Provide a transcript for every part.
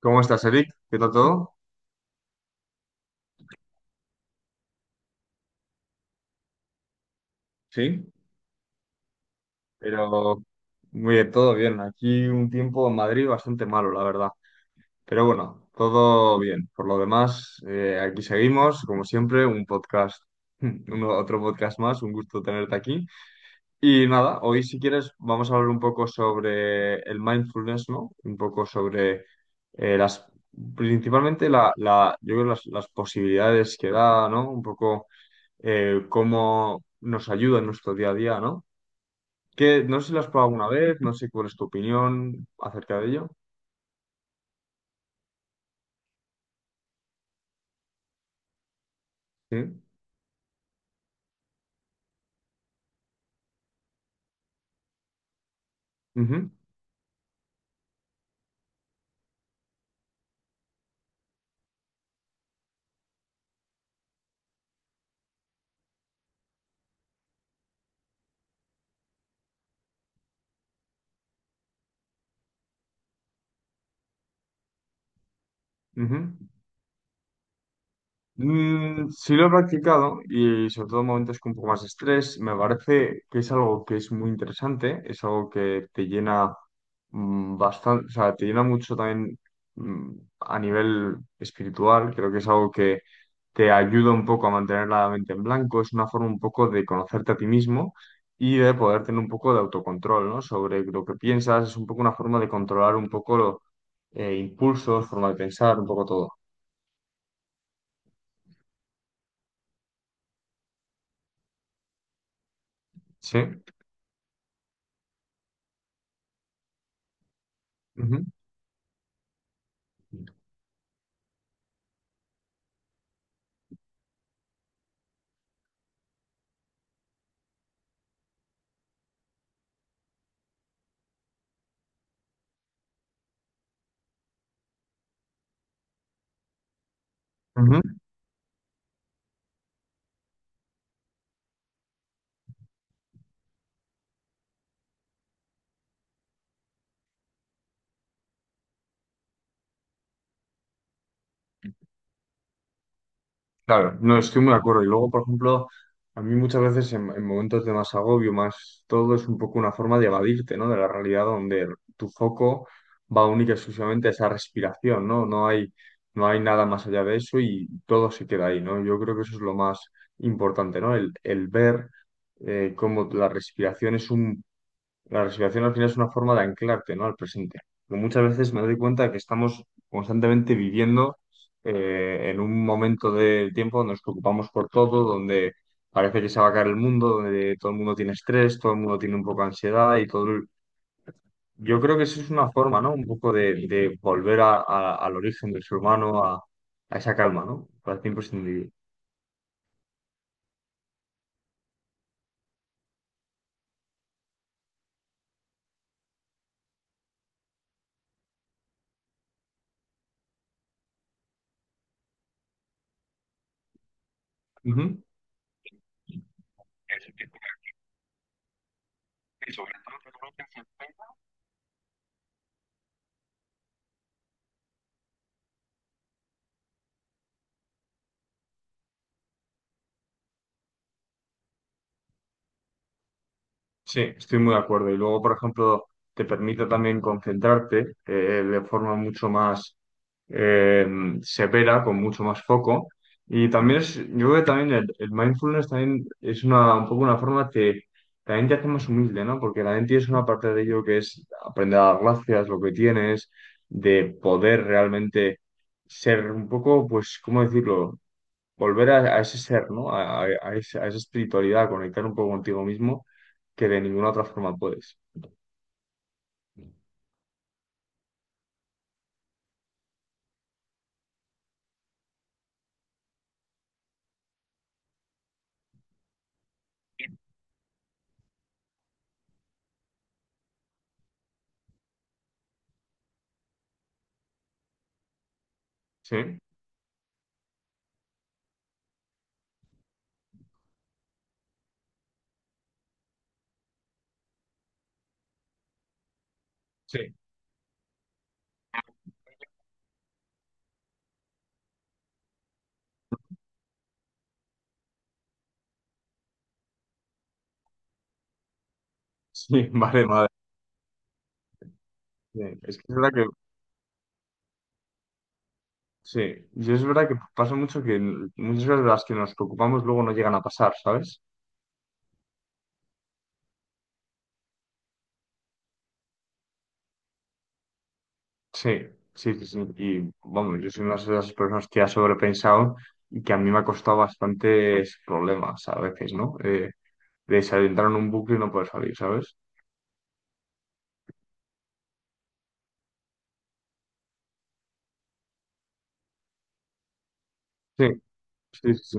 ¿Cómo estás, Eric? ¿Qué tal todo? Sí, Pero muy bien, todo bien. Aquí un tiempo en Madrid bastante malo, la verdad. Pero bueno, todo bien. Por lo demás, aquí seguimos, como siempre, un podcast, otro podcast más. Un gusto tenerte aquí. Y nada, hoy si quieres vamos a hablar un poco sobre el mindfulness, ¿no? Un poco sobre eh, las, principalmente yo creo las posibilidades que da, ¿no? Un poco cómo nos ayuda en nuestro día a día, ¿no? Que no sé si lo has probado alguna vez, no sé cuál es tu opinión acerca de ello. Sí. Ujú, ujú. Mm, sí lo he practicado y sobre todo en momentos con un poco más de estrés, me parece que es algo que es muy interesante, es algo que te llena bastante, o sea, te llena mucho también mm, a nivel espiritual, creo que es algo que te ayuda un poco a mantener la mente en blanco, es una forma un poco de conocerte a ti mismo y de poder tener un poco de autocontrol, ¿no? Sobre lo que piensas, es un poco una forma de controlar un poco los impulsos, forma de pensar, un poco todo. Sí. Ujú. Ujú. Claro, no estoy muy de acuerdo. Y luego, por ejemplo, a mí muchas veces en momentos de más agobio, más todo es un poco una forma de evadirte, ¿no? De la realidad donde tu foco va única y exclusivamente a esa respiración, ¿no? No hay, no hay nada más allá de eso y todo se queda ahí, ¿no? Yo creo que eso es lo más importante, ¿no? El ver cómo la respiración es un la respiración al final es una forma de anclarte, ¿no? Al presente. Pero muchas veces me doy cuenta que estamos constantemente viviendo en un momento del tiempo donde nos preocupamos por todo, donde parece que se va a caer el mundo, donde todo el mundo tiene estrés, todo el mundo tiene un poco de ansiedad y todo. Yo creo que eso es una forma, ¿no? Un poco de volver al origen del ser humano, a esa calma, ¿no? Para ti sin Ujú. Sí, estoy muy de acuerdo. Y luego, por ejemplo, te permite también concentrarte de forma mucho más eh, severa, con mucho más foco. Y también es, yo creo que también el mindfulness también es una, un poco una forma que también te hace más humilde, ¿no? Porque también tienes una parte de ello que es aprender a dar gracias, lo que tienes, de poder realmente ser un poco, pues, ¿cómo decirlo? Volver a ese ser, ¿no? A ese- a esa espiritualidad, a conectar un poco contigo mismo que de ninguna otra forma puedes. ¿Sí? Sí. Sí, vale, madre. Sí, es que es verdad que, sí, y es verdad que pasa mucho que muchas veces las que nos preocupamos luego no llegan a pasar, ¿sabes? Sí, sí, sí, sí. Y vamos, yo soy una de esas personas que ha sobrepensado y que a mí me ha costado bastantes problemas a veces, ¿no? De adentrar en un bucle y no poder salir, ¿sabes? Sí, sí, sí. Sí.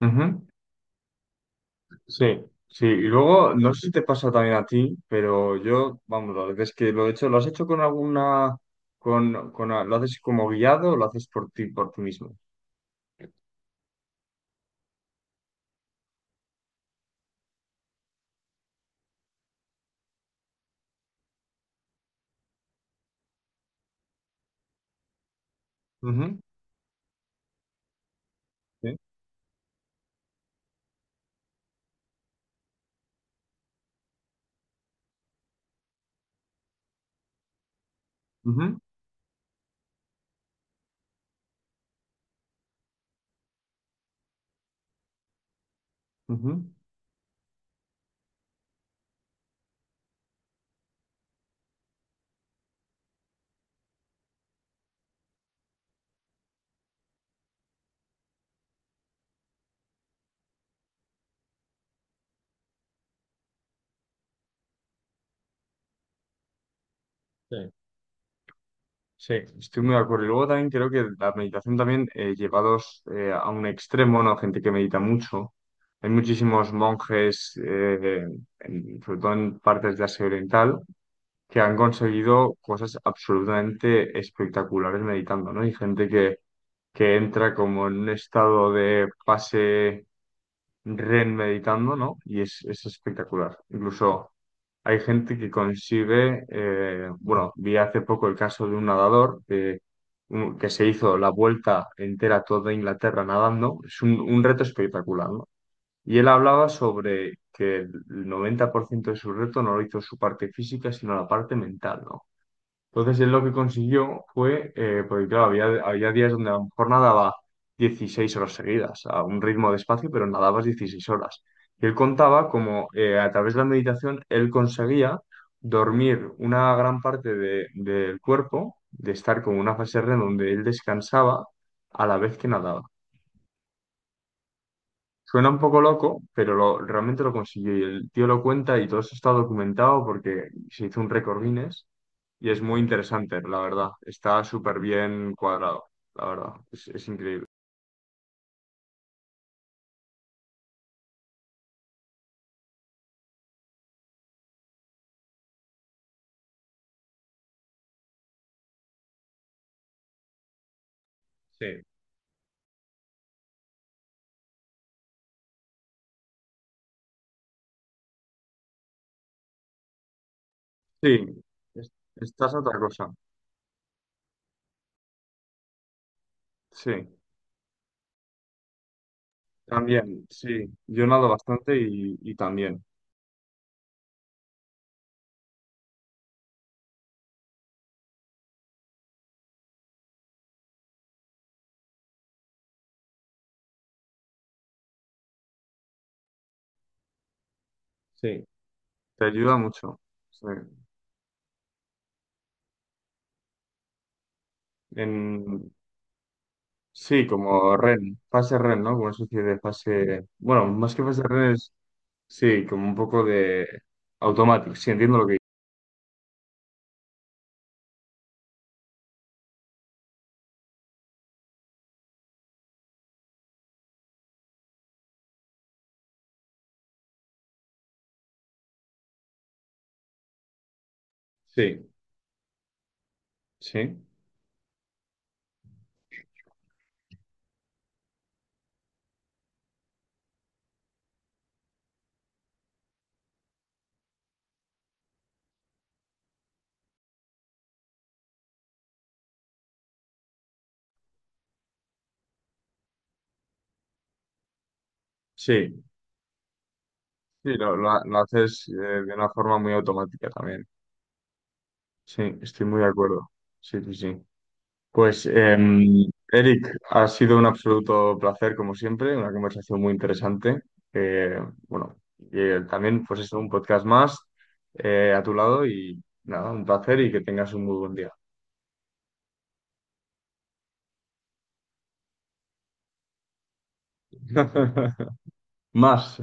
Ujú. Sí, sí. Y luego, no sé si te pasa también a ti, pero yo, vamos, las veces que lo he hecho, ¿lo has hecho con alguna, lo haces como guiado o lo haces por ti mismo? Ujú, sí. Ujú, ujú. Sí. Sí, estoy muy de acuerdo. Y luego también creo que la meditación también llevados a un extremo, ¿no? Gente que medita mucho. Hay muchísimos monjes, sobre todo en partes de Asia Oriental, que han conseguido cosas absolutamente espectaculares meditando, ¿no? Hay gente que entra como en un estado de pase REM meditando, ¿no? Y es espectacular. Incluso hay gente que consigue, bueno, vi hace poco el caso de un nadador que, que se hizo la vuelta entera a toda Inglaterra nadando. Es un reto espectacular, ¿no? Y él hablaba sobre que el 90% de su reto no lo hizo su parte física, sino la parte mental, ¿no? Entonces él lo que consiguió fue, porque claro, había, había días donde a lo mejor nadaba 16 horas seguidas, a un ritmo despacio, pero nadabas 16 horas. Y él contaba como a través de la meditación él conseguía dormir una gran parte del cuerpo, de estar con una fase REM donde él descansaba a la vez que nadaba. Suena un poco loco, pero lo, realmente lo consiguió y el tío lo cuenta y todo eso está documentado porque se hizo un récord Guinness y es muy interesante, la verdad. Está súper bien cuadrado, la verdad. Es increíble. Sí. Sí, estás a otra cosa. Sí, también, sí. Yo nado bastante y también. Sí, te ayuda mucho. Sí. En, sí, como REN, fase REN, ¿no? Como una especie de fase, bueno, más que fase REN es, sí, como un poco de automático, sí, entiendo lo que... Sí, sí, sí, sí, lo haces de una forma muy automática también. Sí, estoy muy de acuerdo. Sí, sí, sí. Pues, Eric, ha sido un absoluto placer, como siempre, una conversación muy interesante. Eh, bueno, y, también, pues, es un podcast más a tu lado y nada, un placer y que tengas un muy buen día. Más.